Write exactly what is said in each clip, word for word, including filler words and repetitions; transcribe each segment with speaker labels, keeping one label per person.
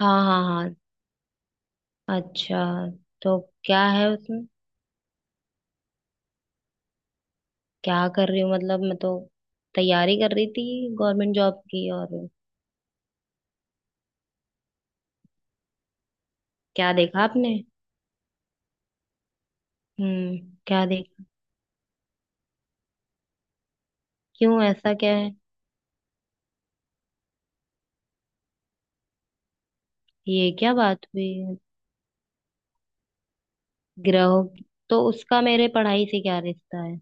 Speaker 1: हाँ हाँ हाँ। अच्छा। तो क्या है उसमें? क्या कर रही हूँ मतलब मैं तो तैयारी कर रही थी गवर्नमेंट जॉब की। और क्या देखा आपने? हम्म। क्या देखा? क्यों, ऐसा क्या है? ये क्या बात हुई? ग्रहों की- तो उसका मेरे पढ़ाई से क्या रिश्ता है?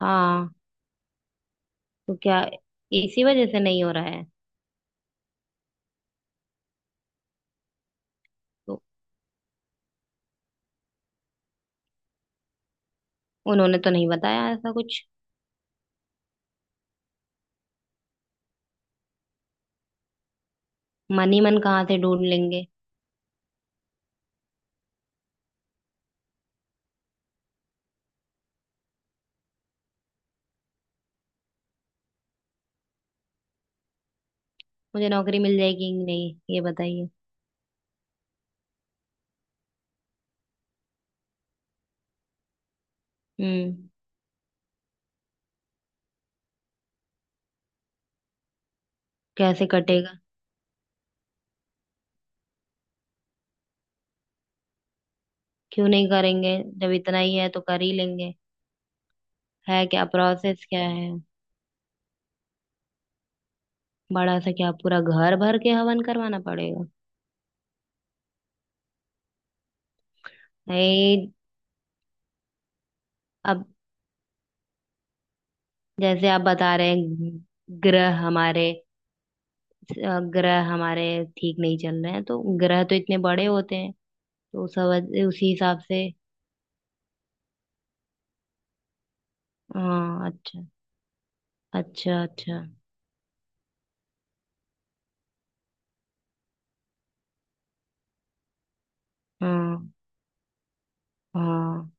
Speaker 1: हाँ। तो क्या इसी वजह से नहीं हो रहा है? तो उन्होंने तो नहीं बताया ऐसा कुछ। मन ही मन कहाँ से ढूंढ लेंगे? मुझे नौकरी मिल जाएगी कि नहीं ये बताइए। हम्म। कैसे कटेगा? क्यों नहीं करेंगे, जब इतना ही है तो कर ही लेंगे। है क्या, प्रोसेस क्या है? बड़ा सा क्या, पूरा घर भर के हवन करवाना पड़ेगा? नहीं। अब जैसे आप बता रहे हैं, ग्रह हमारे, अ, ग्रह हमारे ठीक नहीं चल रहे हैं तो ग्रह तो इतने बड़े होते हैं, तो सब उसी हिसाब से। हाँ अच्छा। अच्छा अच्छा। हाँ। हाँ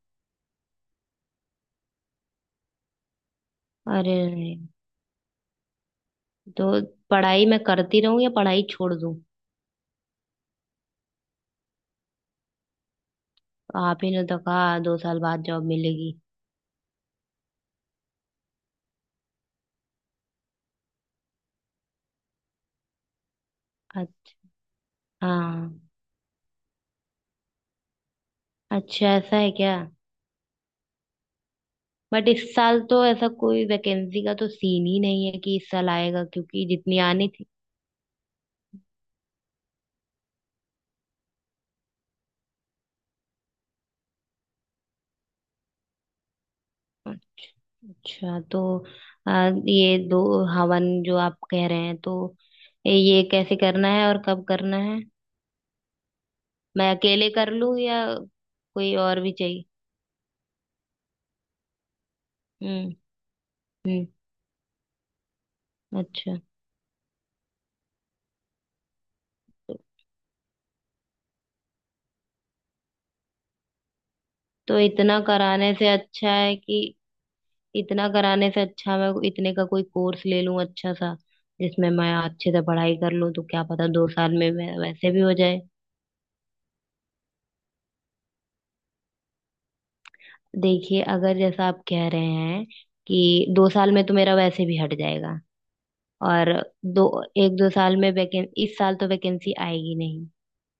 Speaker 1: अरे नहीं। तो पढ़ाई मैं करती रहूं या पढ़ाई छोड़ दूं? आप ही ने तो कहा दो साल बाद जॉब मिलेगी। अच्छा। हाँ। अच्छा ऐसा है क्या? बट इस साल तो ऐसा कोई वैकेंसी का तो सीन ही नहीं है कि इस साल आएगा, क्योंकि जितनी आनी थी। अच्छा अच्छा, तो आ, ये दो, हवन जो आप कह रहे हैं तो ये कैसे करना है और कब करना है? मैं अकेले कर लूं या कोई और भी चाहिए? हम्म। हम्म। अच्छा। तो इतना कराने से अच्छा है कि, इतना कराने से अच्छा मैं इतने का कोई कोर्स ले लूं अच्छा सा, जिसमें मैं अच्छे से पढ़ाई कर लूं तो क्या पता दो साल में मैं वैसे भी हो जाए। देखिए, अगर जैसा आप कह रहे हैं कि दो साल में तो मेरा वैसे भी हट जाएगा, और दो, एक दो साल में वैकें इस साल तो वैकेंसी आएगी नहीं,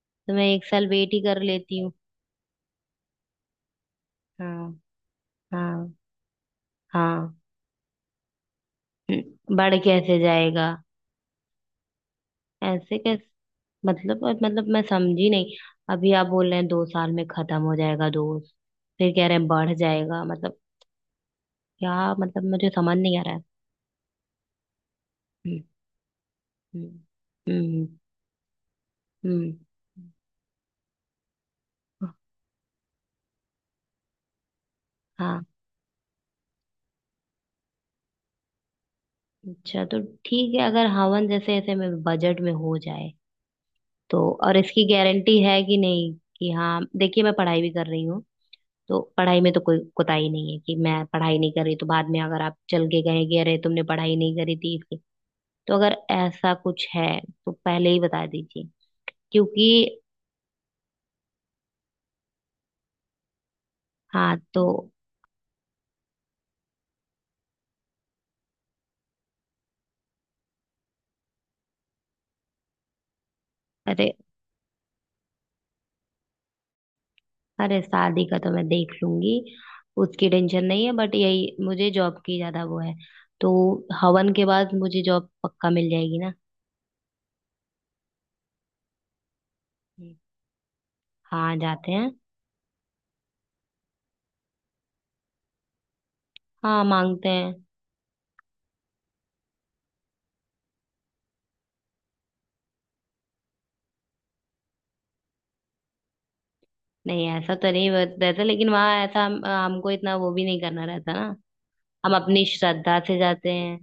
Speaker 1: तो मैं एक साल वेट ही कर लेती हूँ। हाँ। हाँ। हाँ। हम्म, बढ़ कैसे जाएगा? ऐसे कैसे? मतलब, और मतलब मैं समझी नहीं। अभी आप बोल रहे हैं दो साल में खत्म हो जाएगा दोस्त, फिर कह रहे हैं बढ़ जाएगा, मतलब क्या मतलब मुझे समझ नहीं आ रहा है। हम्म। हम्म। हम्म। हम्म, हाँ। अच्छा तो ठीक है, अगर हवन जैसे ऐसे में बजट में हो जाए तो, और इसकी गारंटी है कि नहीं कि, हाँ देखिए, मैं पढ़ाई भी कर रही हूँ तो पढ़ाई में तो कोई कोताही नहीं है, कि मैं पढ़ाई नहीं कर रही तो बाद में अगर आप चल के कहेंगे अरे तुमने पढ़ाई नहीं करी थी। तो अगर ऐसा कुछ है तो पहले ही बता दीजिए, क्योंकि, हाँ। तो अरे, अरे शादी का तो मैं देख लूंगी, उसकी टेंशन नहीं है, बट यही मुझे जॉब की ज्यादा वो है। तो हवन के बाद मुझे जॉब पक्का मिल जाएगी ना? हम्म। हाँ जाते हैं। हाँ मांगते हैं। नहीं ऐसा तो नहीं बत- रहता, लेकिन वहां ऐसा हम, हमको इतना वो भी नहीं करना रहता ना। हम अपनी श्रद्धा से जाते हैं।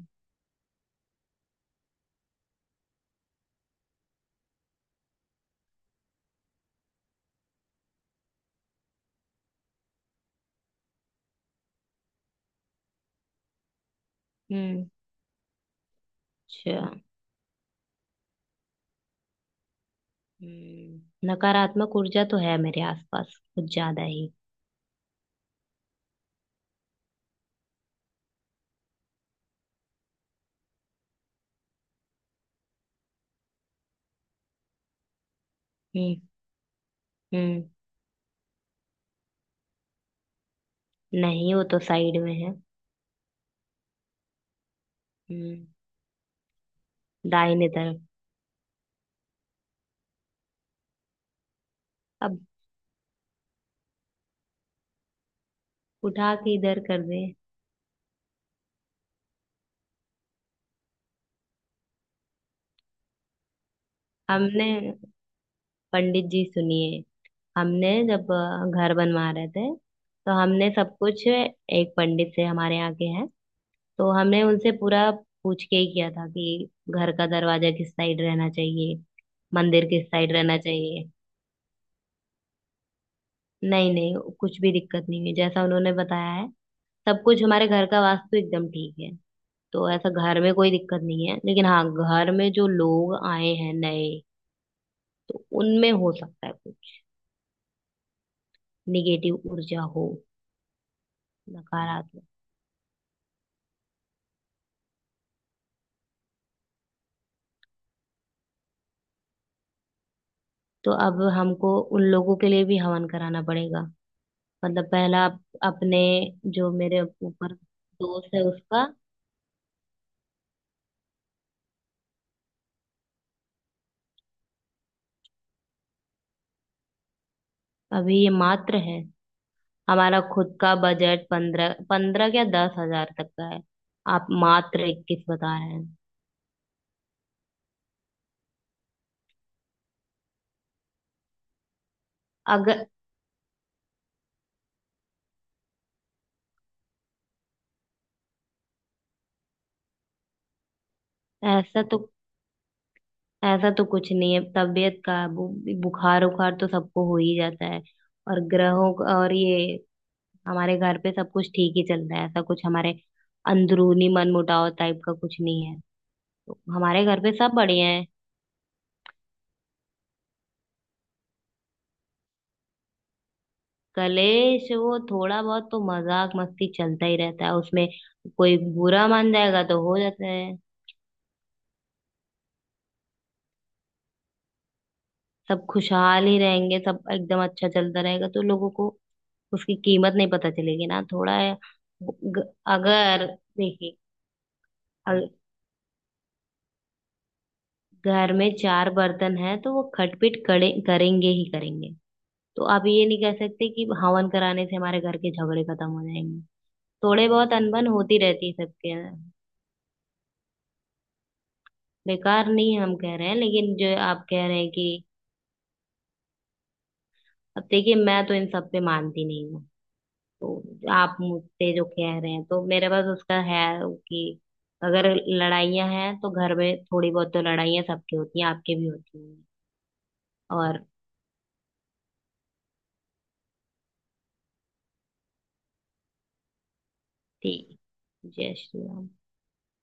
Speaker 1: हम्म। अच्छा। हम्म। नकारात्मक ऊर्जा तो है मेरे आसपास कुछ ज्यादा ही। हम्म। हम्म। नहीं, वो तो साइड में है। हम्म। दाहिने तरफ। अब उठा के इधर कर दे? हमने, पंडित जी सुनिए, हमने जब अ, घर बनवा रहे थे तो हमने सब कुछ एक पंडित से, हमारे यहाँ के हैं, तो हमने उनसे पूरा पूछ के ही किया था कि घर का दरवाजा किस साइड रहना चाहिए, मंदिर किस साइड रहना चाहिए। नहीं नहीं कुछ भी दिक्कत नहीं है, जैसा उन्होंने बताया है सब कुछ हमारे घर का वास्तु एकदम ठीक है। तो ऐसा घर में कोई दिक्कत नहीं है, लेकिन हाँ घर में जो लोग आए हैं नए तो उनमें हो सकता है कुछ निगेटिव ऊर्जा हो, नकारात्मक। तो अब हमको उन लोगों के लिए भी हवन कराना पड़ेगा? मतलब पहला अप- अपने जो मेरे ऊपर दोस्त है उसका। अभी ये मात्र है? हमारा खुद का बजट पंद्रह पंद्रह क्या दस हजार तक का है, आप मात्र इक्कीस बता रहे हैं। अगर, ऐसा तो, ऐसा तो कुछ नहीं है तबीयत का। बु, बुखार उखार तो सबको हो ही जाता है। और ग्रहों का- और ये हमारे घर पे सब कुछ ठीक ही चलता है, ऐसा कुछ हमारे अंदरूनी मनमुटाव टाइप का कुछ नहीं है। तो हमारे घर पे सब बढ़िया है। कलेश वो थोड़ा बहुत तो मजाक मस्ती चलता ही रहता है उसमें, कोई बुरा मान जाएगा तो हो जाता है। सब खुशहाल ही रहेंगे, सब एकदम अच्छा चलता रहेगा तो लोगों को उसकी कीमत नहीं पता चलेगी ना, थोड़ा है। ग- अगर, देखिए घर में चार बर्तन है तो वो खटपिट करे करेंगे ही करेंगे। तो आप ये नहीं कह सकते कि हवन कराने से हमारे घर के झगड़े खत्म हो जाएंगे। थोड़े बहुत अनबन होती रहती है सबके। बेकार नहीं हम कह रहे हैं, लेकिन जो आप कह रहे हैं कि, अब देखिए मैं तो इन सब पे मानती नहीं हूँ, तो आप मुझसे जो कह रहे हैं तो मेरे पास उसका है, कि अगर लड़ाइयाँ हैं तो घर में, थोड़ी बहुत तो लड़ाइयाँ सबकी होती हैं, आपके भी होती हैं। और ठीक। जय श्री राम।